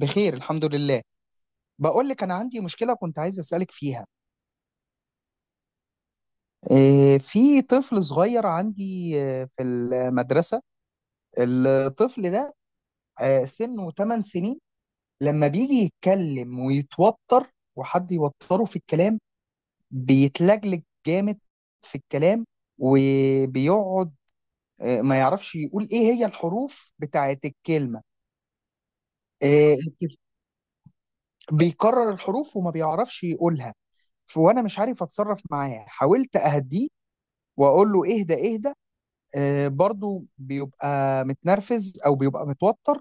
بخير، الحمد لله. بقول لك انا عندي مشكله كنت عايز اسالك فيها. إيه، في طفل صغير عندي، في المدرسه. الطفل ده سنه 8 سنين، لما بيجي يتكلم ويتوتر وحد يوتره في الكلام بيتلجلج جامد في الكلام وبيقعد ما يعرفش يقول ايه هي الحروف بتاعت الكلمه. آه، بيكرر الحروف وما بيعرفش يقولها. وانا مش عارف اتصرف معاه. حاولت اهديه واقول له اهدى اهدى، برضه بيبقى متنرفز او بيبقى متوتر،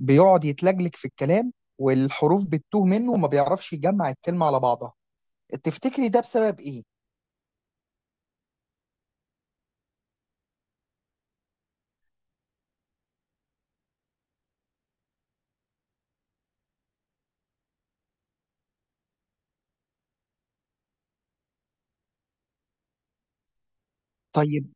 بيقعد يتلجلج في الكلام، والحروف بتتوه منه وما بيعرفش يجمع الكلمه على بعضها. تفتكري ده بسبب ايه؟ طيب.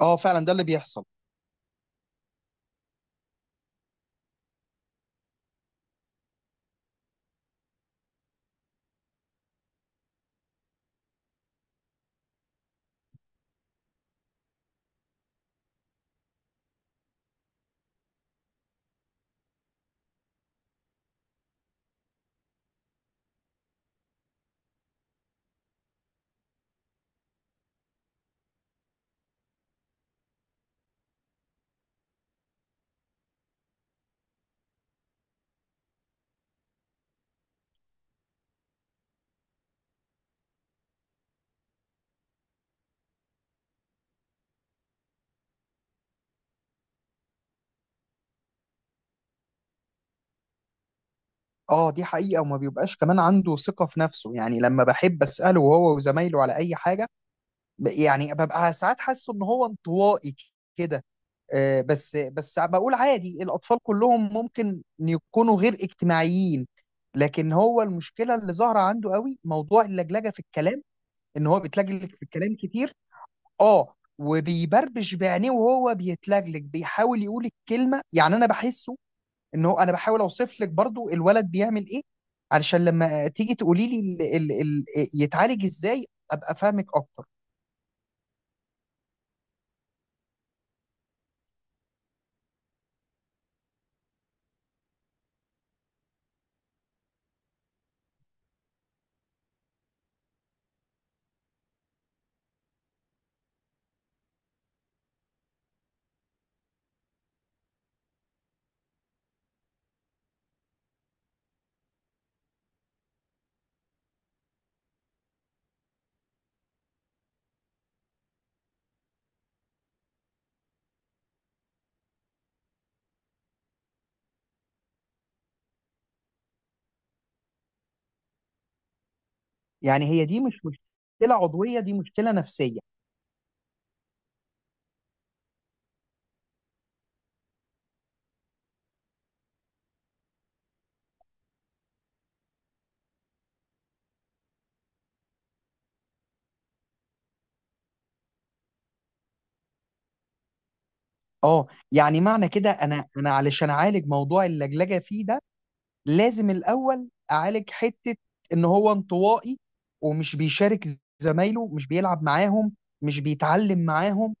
اه، فعلا ده اللي بيحصل. اه، دي حقيقه. وما بيبقاش كمان عنده ثقه في نفسه، يعني لما بحب اساله هو وزمايله على اي حاجه، يعني ببقى ساعات حاسس ان هو انطوائي كده. بس بس بقول عادي، الأطفال كلهم ممكن يكونوا غير اجتماعيين، لكن هو المشكلة اللي ظاهرة عنده قوي موضوع اللجلجة في الكلام. إن هو بيتلجلج في الكلام كتير، وبيبربش بعينيه وهو بيتلجلج بيحاول يقول الكلمة. يعني أنا بحسه إن هو، أنا بحاول أوصف لك برضو الولد بيعمل إيه علشان لما تيجي تقولي لي ال ال ال يتعالج إزاي، أبقى فاهمك أكتر. يعني هي دي مش مشكلة عضوية، دي مشكلة نفسية؟ اه، يعني معنى كده انا علشان اعالج موضوع اللجلجه فيه ده، لازم الاول اعالج حته ان هو انطوائي ومش بيشارك زمايله، مش بيلعب معاهم، مش بيتعلم معاهم.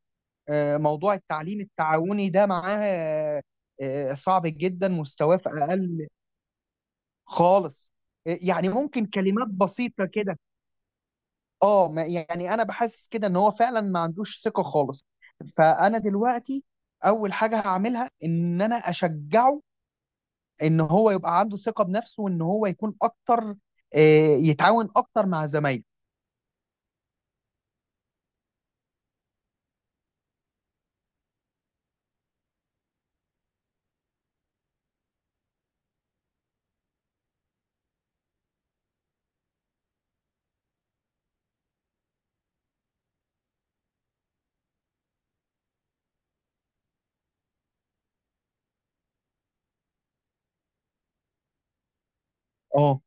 موضوع التعليم التعاوني ده معاه صعب جدا، مستواه في اقل. خالص. يعني ممكن كلمات بسيطه كده. اه، يعني انا بحسس كده ان هو فعلا ما عندوش ثقه خالص. فانا دلوقتي اول حاجه هعملها ان انا اشجعه، ان هو يبقى عنده ثقه بنفسه وان هو يكون اكتر يتعاون اكتر مع زمايله. اه،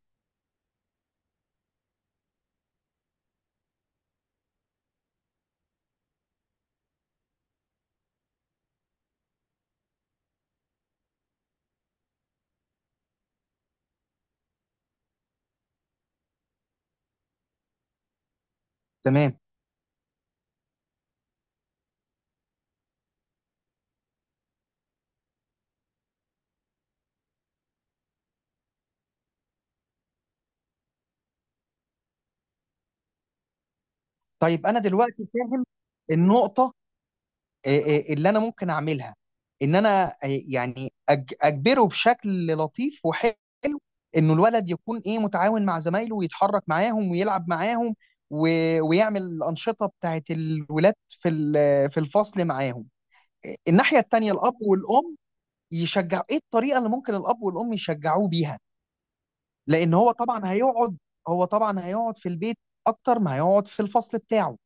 تمام. طيب، انا دلوقتي فاهم النقطه اللي انا ممكن اعملها، ان انا يعني اجبره بشكل لطيف وحلو انه الولد يكون ايه متعاون مع زمايله ويتحرك معاهم ويلعب معاهم و... ويعمل الانشطه بتاعت الولاد في الفصل معاهم. الناحيه التانيه الاب والام يشجعوا، ايه الطريقه اللي ممكن الاب والام يشجعوه بيها؟ لان هو طبعا هيقعد في البيت اكتر ما هيقعد في الفصل بتاعه.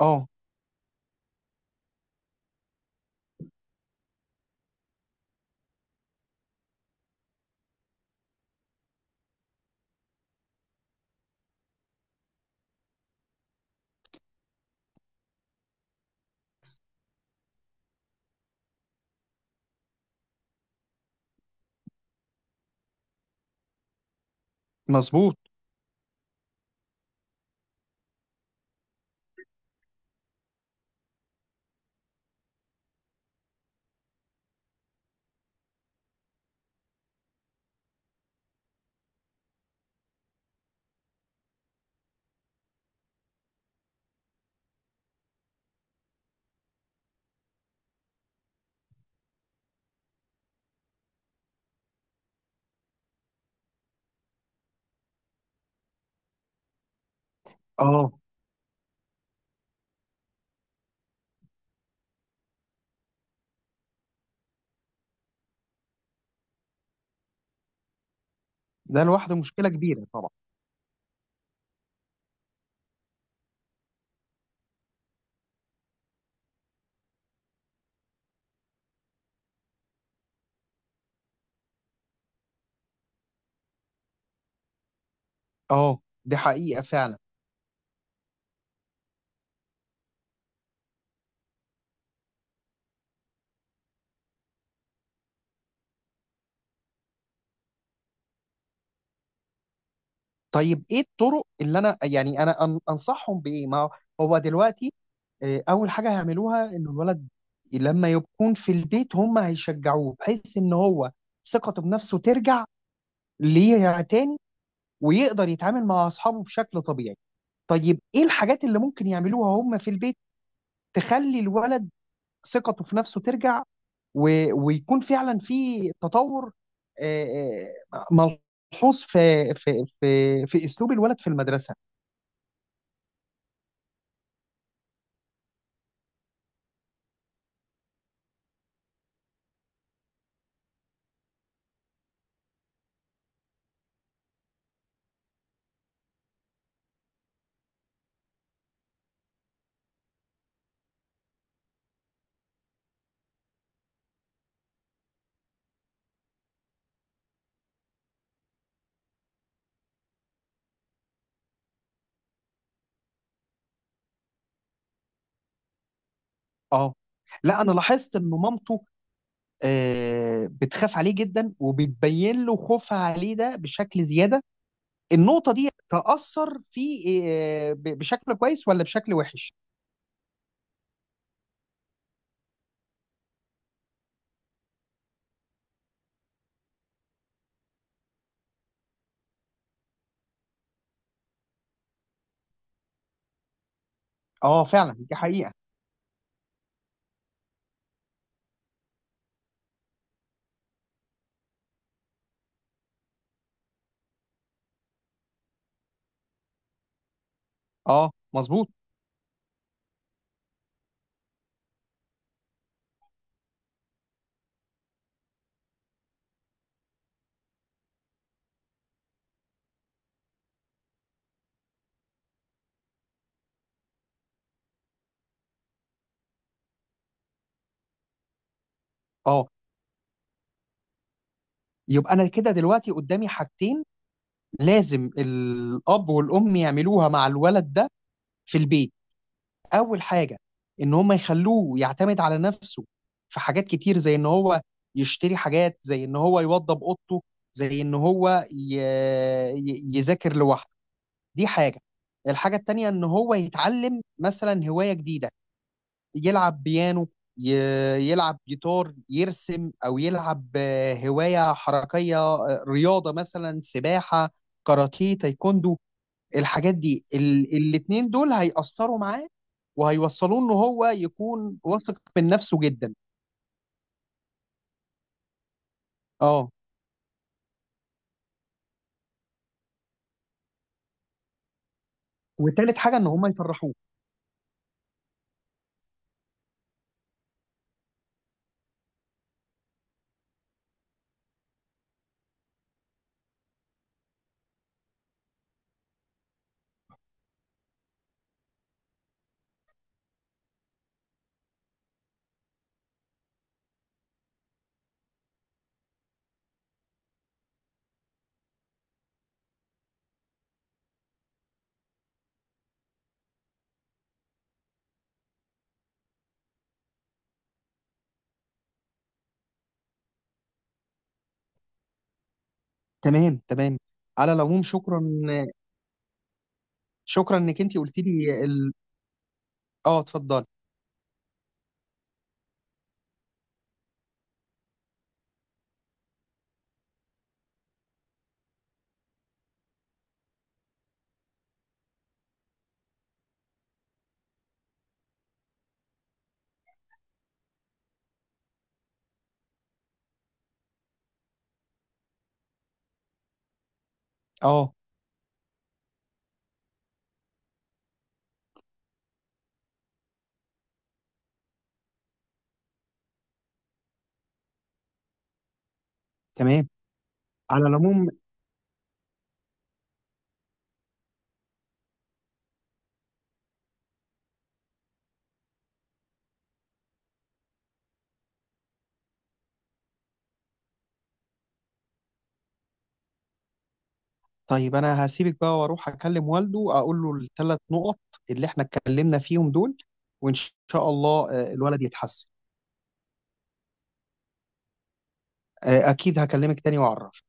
اه، مظبوط. اه، ده لوحده مشكله كبيره طبعا. اه، دي حقيقه فعلا. طيب، ايه الطرق اللي انا يعني انصحهم بايه؟ ما هو، هو دلوقتي اول حاجه هيعملوها ان الولد لما يكون في البيت هم هيشجعوه بحيث ان هو ثقته بنفسه ترجع ليها تاني، ويقدر يتعامل مع اصحابه بشكل طبيعي. طيب، ايه الحاجات اللي ممكن يعملوها هم في البيت تخلي الولد ثقته في نفسه ترجع و... ويكون فعلا في تطور آه، ملحوظ في اسلوب الولد في المدرسه؟ اه. لا، انا لاحظت ان مامته بتخاف عليه جدا وبتبين له خوفها عليه ده بشكل زياده. النقطه دي تاثر فيه بشكل كويس ولا بشكل وحش؟ اه، فعلا دي حقيقه. اه، مظبوط. اه، يبقى انا كده دلوقتي قدامي حاجتين لازم الاب والام يعملوها مع الولد ده في البيت. اول حاجه: ان هم يخلوه يعتمد على نفسه في حاجات كتير، زي ان هو يشتري حاجات، زي ان هو يوضب اوضته، زي ان هو يذاكر لوحده. دي حاجه. الحاجه التانيه: ان هو يتعلم مثلا هوايه جديده، يلعب بيانو، ي... يلعب جيتار، يرسم، او يلعب هوايه حركيه، رياضه مثلا، سباحه، كاراتيه، تايكوندو. الحاجات دي الاتنين دول هيأثروا معاه وهيوصلوه ان هو يكون واثق من نفسه جدا. اه. وتالت حاجه ان هم يفرحوه. تمام، تمام. على العموم شكرا. شكرا انك انت قلت لي اه، اتفضلي. اه، تمام. على العموم طيب، انا هسيبك بقى واروح اكلم والده، اقول له ال3 نقط اللي احنا اتكلمنا فيهم دول، وان شاء الله الولد يتحسن. اكيد هكلمك تاني واعرف.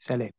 سلام.